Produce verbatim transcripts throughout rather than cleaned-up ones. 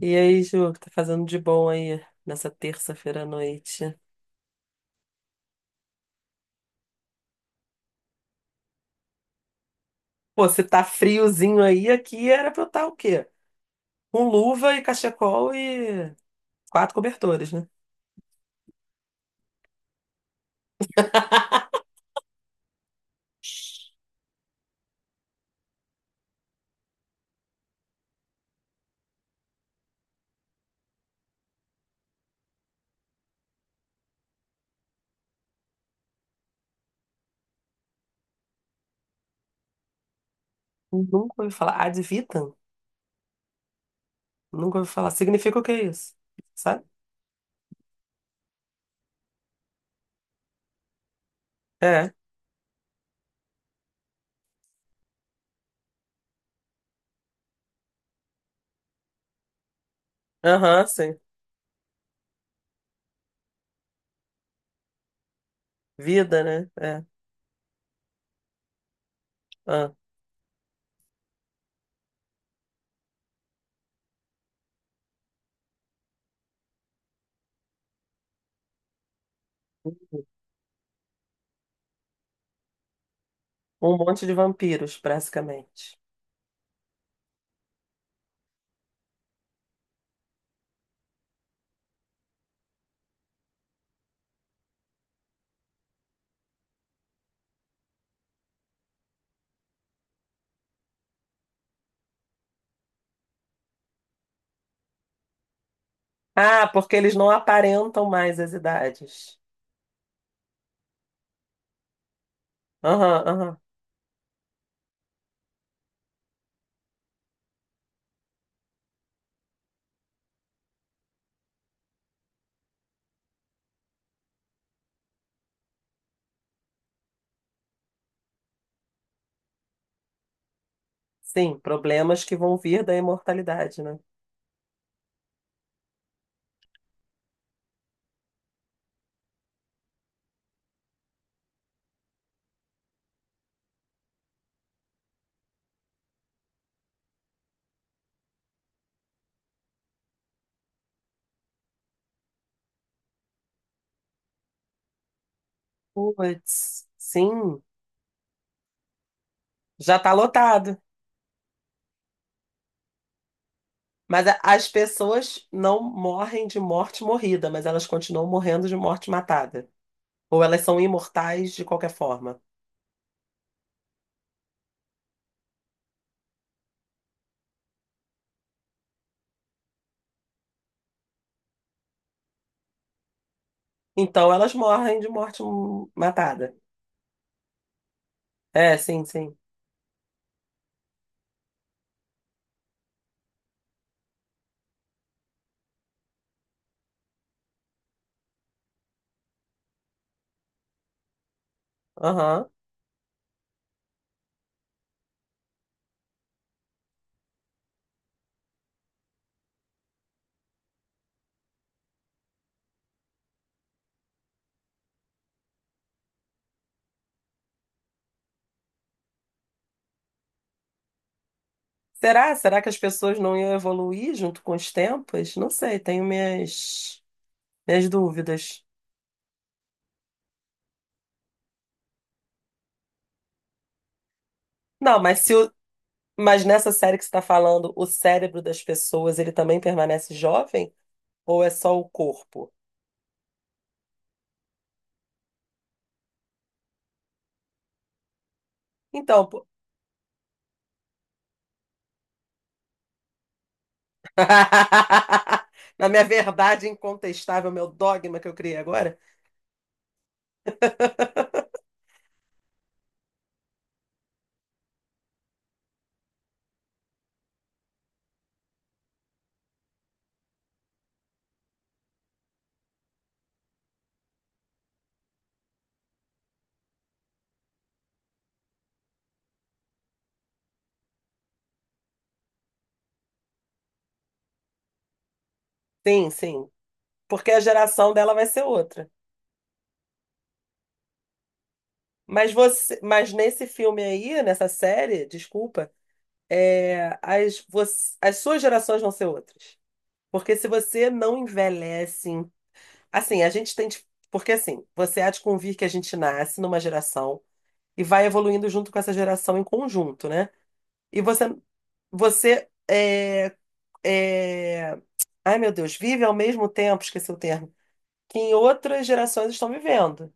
E aí, Ju, o que tá fazendo de bom aí nessa terça-feira à noite? Pô, se tá friozinho aí, aqui era pra eu estar o quê? Com luva e cachecol e quatro cobertores, né? Nunca ouvi falar. Ad vitam? Nunca ouvi falar. Significa o que é isso? Sabe? É. Aham, sim. Vida, né? É. Ah. Um monte de vampiros, basicamente. Ah, porque eles não aparentam mais as idades. Aham, aham. Sim, problemas que vão vir da imortalidade, né? Puts, sim. Já está lotado. Mas a- as pessoas não morrem de morte morrida, mas elas continuam morrendo de morte matada. Ou elas são imortais de qualquer forma. Então elas morrem de morte hum, matada. É, sim, sim. Aham. Será? Será que as pessoas não iam evoluir junto com os tempos? Não sei, tenho minhas, minhas dúvidas. Não, mas se o- Mas nessa série que você está falando, o cérebro das pessoas, ele também permanece jovem? Ou é só o corpo? Então, na minha verdade incontestável, meu dogma que eu criei agora? Sim, sim. Porque a geração dela vai ser outra. Mas você, mas nesse filme aí, nessa série, desculpa, é, as, você- as suas gerações vão ser outras. Porque se você não envelhece, assim, a gente tem, de- porque assim, você há de convir que a gente nasce numa geração e vai evoluindo junto com essa geração em conjunto, né? E você, você é, é, ai meu Deus, vive ao mesmo tempo, esqueci o termo, que em outras gerações estão vivendo.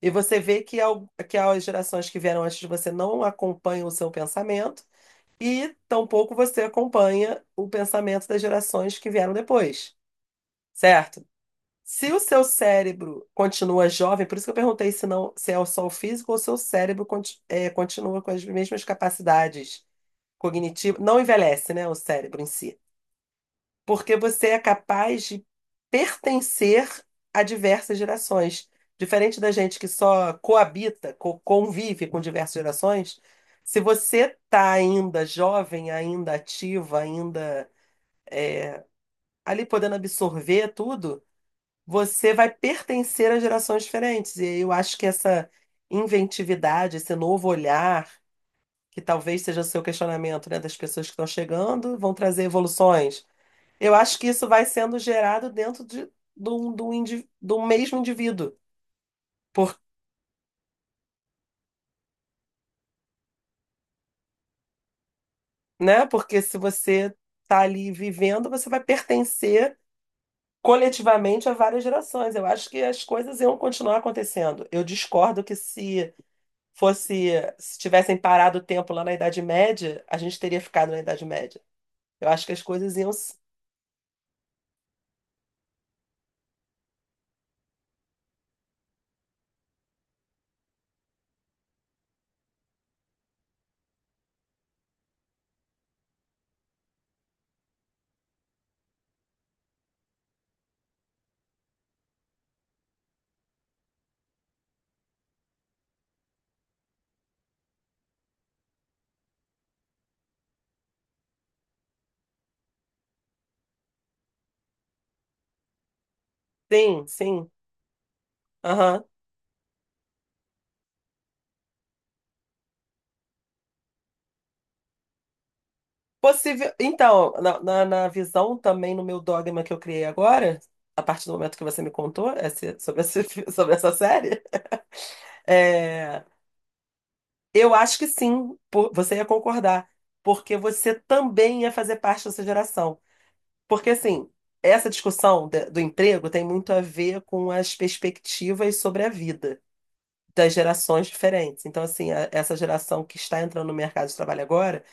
E você vê que, al- que as gerações que vieram antes de você não acompanham o seu pensamento e tampouco você acompanha o pensamento das gerações que vieram depois, certo? Se o seu cérebro continua jovem, por isso que eu perguntei se não, se é só o físico ou se o seu cérebro conti- eh, continua com as mesmas capacidades cognitivas, não envelhece, né, o cérebro em si. Porque você é capaz de pertencer a diversas gerações. Diferente da gente que só coabita, co- convive com diversas gerações, se você está ainda jovem, ainda ativa, ainda ali podendo absorver tudo, você vai pertencer a gerações diferentes. E eu acho que essa inventividade, esse novo olhar, que talvez seja o seu questionamento, né, das pessoas que estão chegando, vão trazer evoluções, eu acho que isso vai sendo gerado dentro de, do, do, indi- do mesmo indivíduo. Por- né? Porque se você está ali vivendo, você vai pertencer coletivamente a várias gerações. Eu acho que as coisas iam continuar acontecendo. Eu discordo que se fosse, se tivessem parado o tempo lá na Idade Média, a gente teria ficado na Idade Média. Eu acho que as coisas iam. Sim, sim. Possível. Então, na, na, na visão também, no meu dogma que eu criei agora, a partir do momento que você me contou esse- sobre, esse fi- sobre essa série, é, eu acho que sim, po- você ia concordar, porque você também ia fazer parte dessa geração. Porque, assim, essa discussão de- do emprego tem muito a ver com as perspectivas sobre a vida das gerações diferentes. Então, assim, a- essa geração que está entrando no mercado de trabalho agora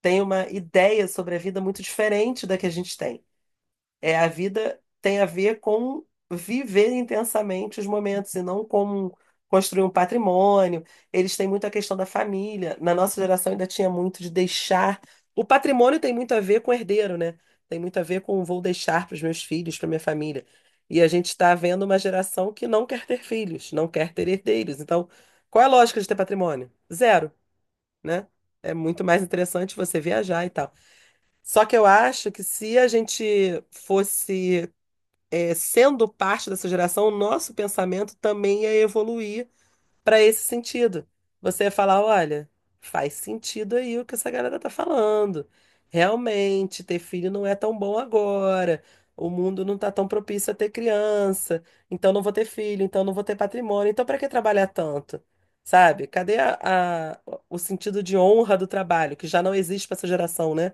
tem uma ideia sobre a vida muito diferente da que a gente tem. É, a vida tem a ver com viver intensamente os momentos e não com construir um patrimônio. Eles têm muito a questão da família. Na nossa geração ainda tinha muito de deixar. O patrimônio tem muito a ver com herdeiro, né? Tem muito a ver com vou deixar para os meus filhos, para minha família. E a gente está vendo uma geração que não quer ter filhos, não quer ter herdeiros. Então, qual é a lógica de ter patrimônio? Zero, né? É muito mais interessante você viajar e tal. Só que eu acho que se a gente fosse, é, sendo parte dessa geração, o nosso pensamento também ia evoluir para esse sentido. Você ia falar, olha, faz sentido aí o que essa galera tá falando. Realmente, ter filho não é tão bom agora. O mundo não tá tão propício a ter criança. Então não vou ter filho, então não vou ter patrimônio. Então para que trabalhar tanto? Sabe? Cadê a- a- o sentido de honra do trabalho, que já não existe para essa geração, né?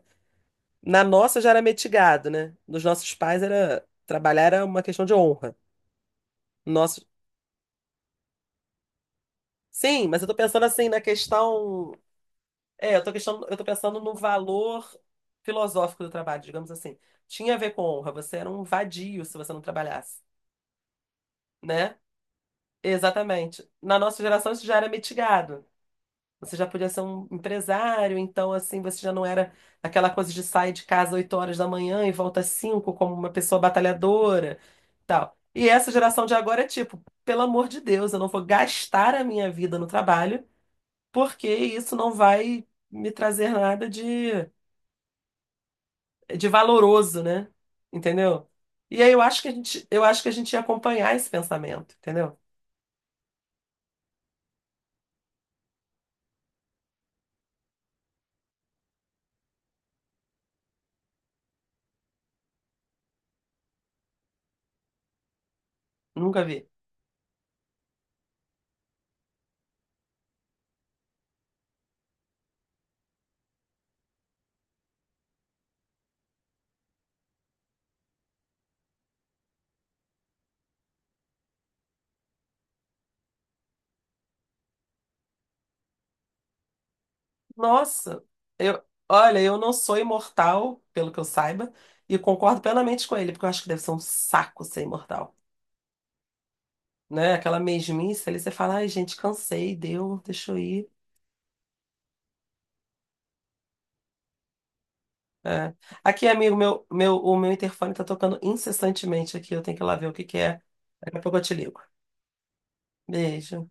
Na nossa já era metigado, né? Nos nossos pais era trabalhar, era uma questão de honra. Nosso... Sim, mas eu tô pensando assim na questão, é, eu tô questão, eu tô pensando no valor filosófico do trabalho, digamos assim. Tinha a ver com honra, você era um vadio se você não trabalhasse, né? Exatamente. Na nossa geração isso já era mitigado. Você já podia ser um empresário, então assim, você já não era aquela coisa de sair de casa oito horas da manhã e volta às cinco como uma pessoa batalhadora, tal. E essa geração de agora é tipo, pelo amor de Deus, eu não vou gastar a minha vida no trabalho, porque isso não vai me trazer nada de, de valoroso, né? Entendeu? E aí eu acho que a gente, eu acho que a gente ia acompanhar esse pensamento, entendeu? Nunca vi. Nossa, eu, olha, eu não sou imortal, pelo que eu saiba, e concordo plenamente com ele, porque eu acho que deve ser um saco ser imortal, né? Aquela mesmice ali, você fala, ai, gente, cansei, deu, deixa eu ir. É. Aqui, amigo, meu, meu, o meu interfone tá tocando incessantemente aqui, eu tenho que ir lá ver o que que é. Daqui a pouco eu te ligo. Beijo.